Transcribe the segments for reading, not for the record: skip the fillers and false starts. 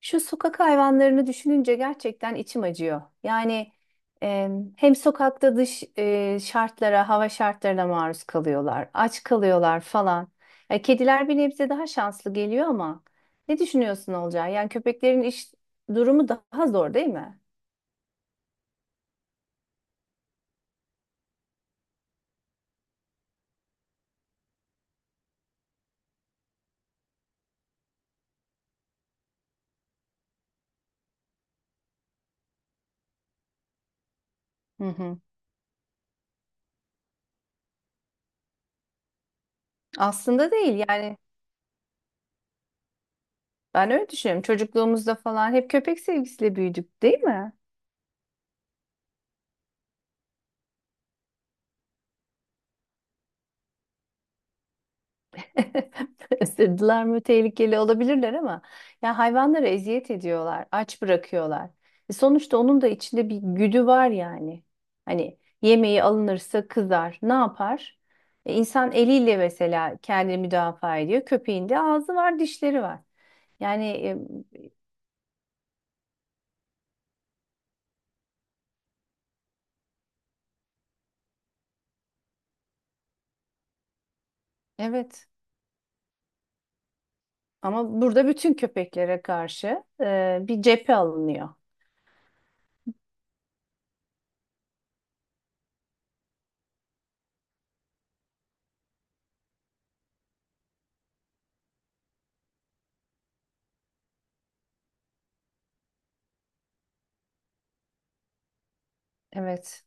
Şu sokak hayvanlarını düşününce gerçekten içim acıyor. Yani e, hem sokakta şartlara, hava şartlarına maruz kalıyorlar, aç kalıyorlar falan. Kediler bir nebze daha şanslı geliyor ama ne düşünüyorsun Olcay? Yani köpeklerin iş durumu daha zor değil mi? Hı hı. Aslında değil yani ben öyle düşünüyorum. Çocukluğumuzda falan hep köpek sevgisiyle büyüdük değil mi? Beslediler mi tehlikeli olabilirler ama ya hayvanlara eziyet ediyorlar, aç bırakıyorlar. E sonuçta onun da içinde bir güdü var yani. Hani yemeği alınırsa kızar, ne yapar? E insan eliyle mesela kendini müdafaa ediyor. Köpeğin de ağzı var, dişleri var. Yani e, evet, ama burada bütün köpeklere karşı bir cephe alınıyor. Evet.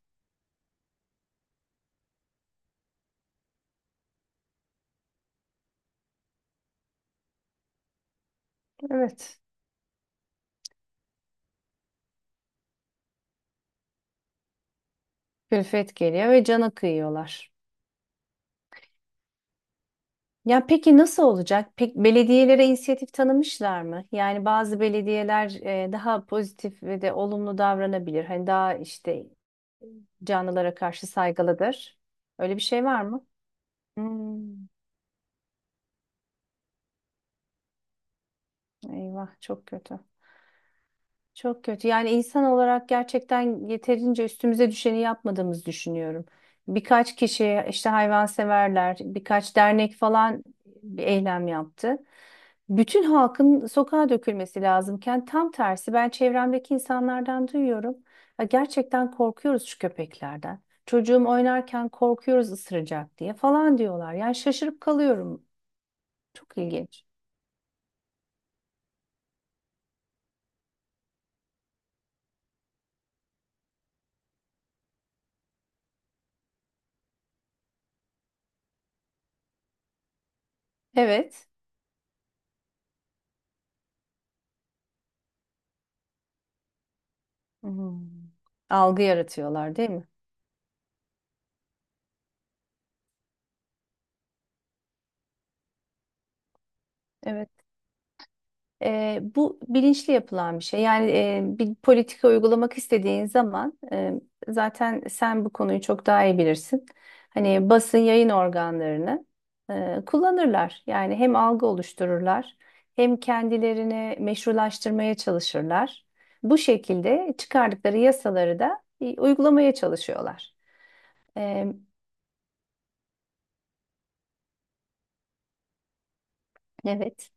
Evet. Külfet geliyor ve cana kıyıyorlar. Ya peki nasıl olacak? Pek belediyelere inisiyatif tanımışlar mı? Yani bazı belediyeler daha pozitif ve de olumlu davranabilir. Hani daha işte canlılara karşı saygılıdır. Öyle bir şey var mı? Hmm, eyvah çok kötü. Çok kötü. Yani insan olarak gerçekten yeterince üstümüze düşeni yapmadığımızı düşünüyorum. Birkaç kişi işte hayvanseverler, birkaç dernek falan bir eylem yaptı. Bütün halkın sokağa dökülmesi lazımken tam tersi ben çevremdeki insanlardan duyuyorum. Ya gerçekten korkuyoruz şu köpeklerden. Çocuğum oynarken korkuyoruz ısıracak diye falan diyorlar. Yani şaşırıp kalıyorum. Çok ilginç. Evet. Hmm. Algı yaratıyorlar, değil mi? Evet. E, bu bilinçli yapılan bir şey. Bir politika uygulamak istediğin zaman zaten sen bu konuyu çok daha iyi bilirsin. Hani basın yayın organlarını kullanırlar. Yani hem algı oluştururlar hem kendilerini meşrulaştırmaya çalışırlar. Bu şekilde çıkardıkları yasaları da uygulamaya çalışıyorlar. E, evet.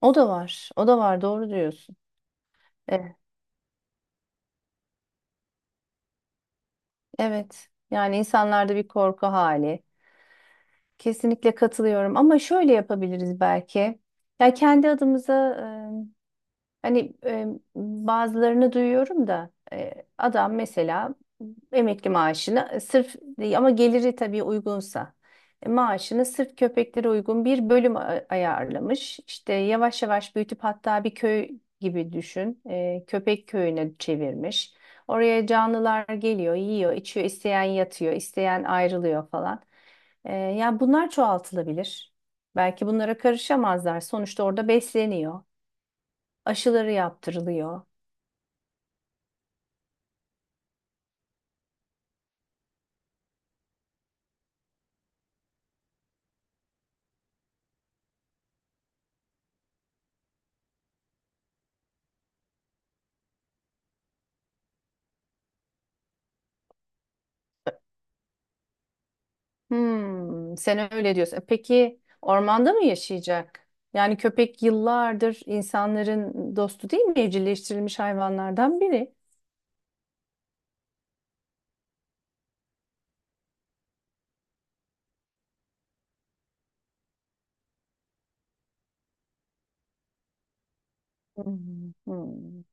O da var. O da var. Doğru diyorsun. E, evet. Yani insanlarda bir korku hali. Kesinlikle katılıyorum ama şöyle yapabiliriz belki. Ya kendi adımıza hani bazılarını duyuyorum da adam mesela emekli maaşını sırf ama geliri tabii uygunsa maaşını sırf köpeklere uygun bir bölüm ayarlamış. İşte yavaş yavaş büyütüp hatta bir köy gibi düşün, köpek köyüne çevirmiş. Oraya canlılar geliyor, yiyor, içiyor, isteyen yatıyor, isteyen ayrılıyor falan. Yani bunlar çoğaltılabilir. Belki bunlara karışamazlar. Sonuçta orada besleniyor, aşıları yaptırılıyor. Hmm, sen öyle diyorsun. E peki ormanda mı yaşayacak? Yani köpek yıllardır insanların dostu değil mi? Evcilleştirilmiş hayvanlardan biri. Hmm, hmm.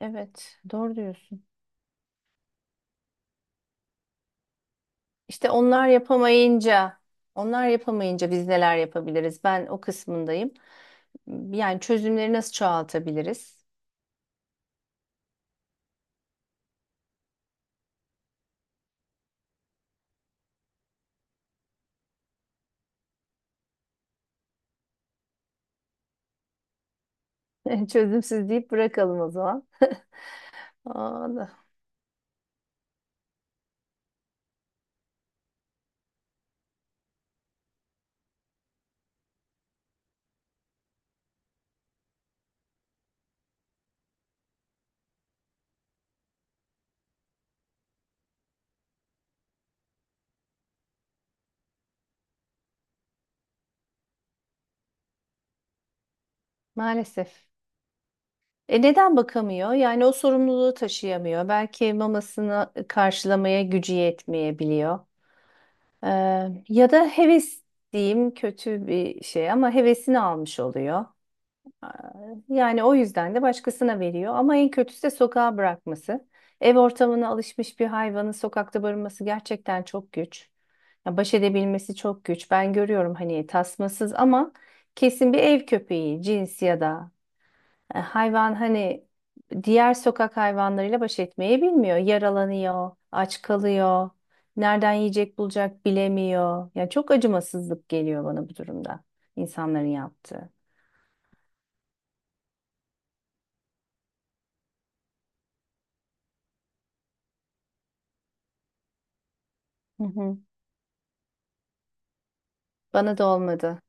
Evet, doğru diyorsun. İşte onlar yapamayınca, onlar yapamayınca biz neler yapabiliriz? Ben o kısmındayım. Yani çözümleri nasıl çoğaltabiliriz? Çözümsüz deyip bırakalım o zaman. Aa, maalesef. E neden bakamıyor? Yani o sorumluluğu taşıyamıyor. Belki mamasını karşılamaya gücü yetmeyebiliyor. Ee, Ya da heves diyeyim kötü bir şey ama hevesini almış oluyor. Ee, Yani o yüzden de başkasına veriyor. Ama en kötüsü de sokağa bırakması. Ev ortamına alışmış bir hayvanın sokakta barınması gerçekten çok güç. Ya baş edebilmesi çok güç. Ben görüyorum hani tasmasız ama kesin bir ev köpeği cins ya da hayvan hani diğer sokak hayvanlarıyla baş etmeyi bilmiyor. Yaralanıyor, aç kalıyor, nereden yiyecek bulacak bilemiyor. Yani çok acımasızlık geliyor bana bu durumda insanların yaptığı. Hı hı. Bana da olmadı.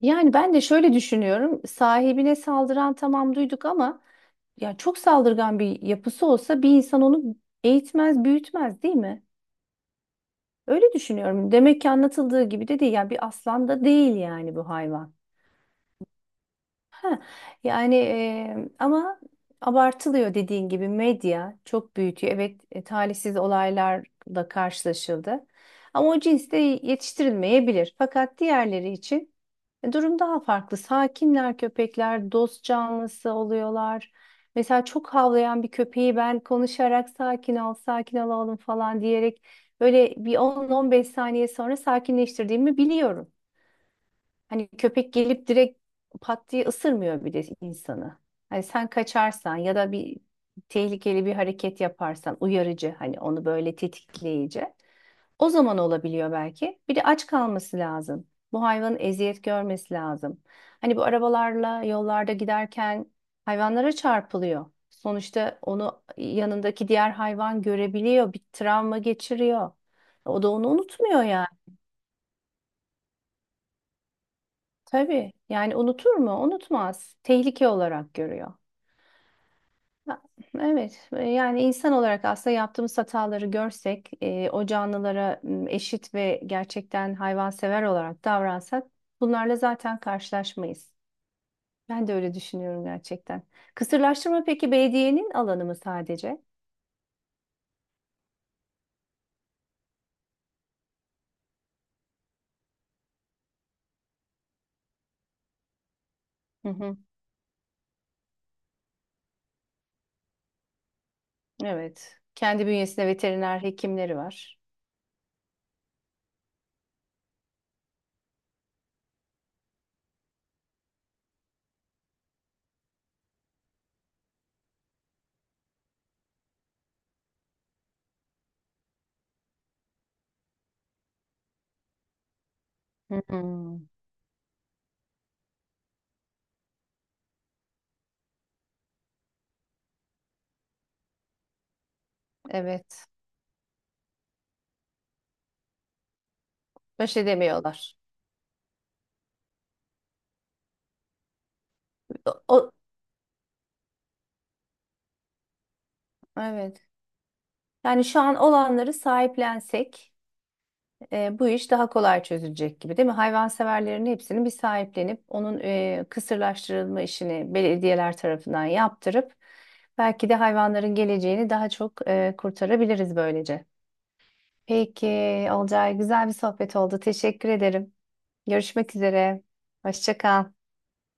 Yani ben de şöyle düşünüyorum. Sahibine saldıran tamam duyduk ama ya çok saldırgan bir yapısı olsa bir insan onu eğitmez, büyütmez değil mi? Öyle düşünüyorum. Demek ki anlatıldığı gibi de değil. Yani bir aslan da değil yani bu hayvan. Yani ama abartılıyor dediğin gibi medya çok büyütüyor. Evet, talihsiz olaylarla karşılaşıldı. Ama o cins de yetiştirilmeyebilir. Fakat diğerleri için durum daha farklı. Sakinler köpekler, dost canlısı oluyorlar. Mesela çok havlayan bir köpeği ben konuşarak sakin ol, sakin ol oğlum falan diyerek böyle bir 10-15 saniye sonra sakinleştirdiğimi biliyorum. Hani köpek gelip direkt pat diye ısırmıyor bir de insanı. Hani sen kaçarsan ya da bir tehlikeli bir hareket yaparsan uyarıcı hani onu böyle tetikleyici. O zaman olabiliyor belki. Bir de aç kalması lazım. Bu hayvanın eziyet görmesi lazım. Hani bu arabalarla yollarda giderken hayvanlara çarpılıyor. Sonuçta onu yanındaki diğer hayvan görebiliyor, bir travma geçiriyor. O da onu unutmuyor. Tabii yani unutur mu? Unutmaz. Tehlike olarak görüyor. Ha, evet. Yani insan olarak aslında yaptığımız hataları görsek, o canlılara eşit ve gerçekten hayvansever olarak davransak bunlarla zaten karşılaşmayız. Ben de öyle düşünüyorum gerçekten. Kısırlaştırma peki belediyenin alanı mı sadece? Hı hı, evet. Kendi bünyesinde veteriner hekimleri var. Hı hı, evet. Baş edemiyorlar. O, o- evet. Yani şu an olanları sahiplensek bu iş daha kolay çözülecek gibi değil mi? Hayvanseverlerin hepsini bir sahiplenip onun kısırlaştırılma işini belediyeler tarafından yaptırıp belki de hayvanların geleceğini daha çok kurtarabiliriz böylece. Peki Olcay, güzel bir sohbet oldu. Teşekkür ederim. Görüşmek üzere. Hoşça kal.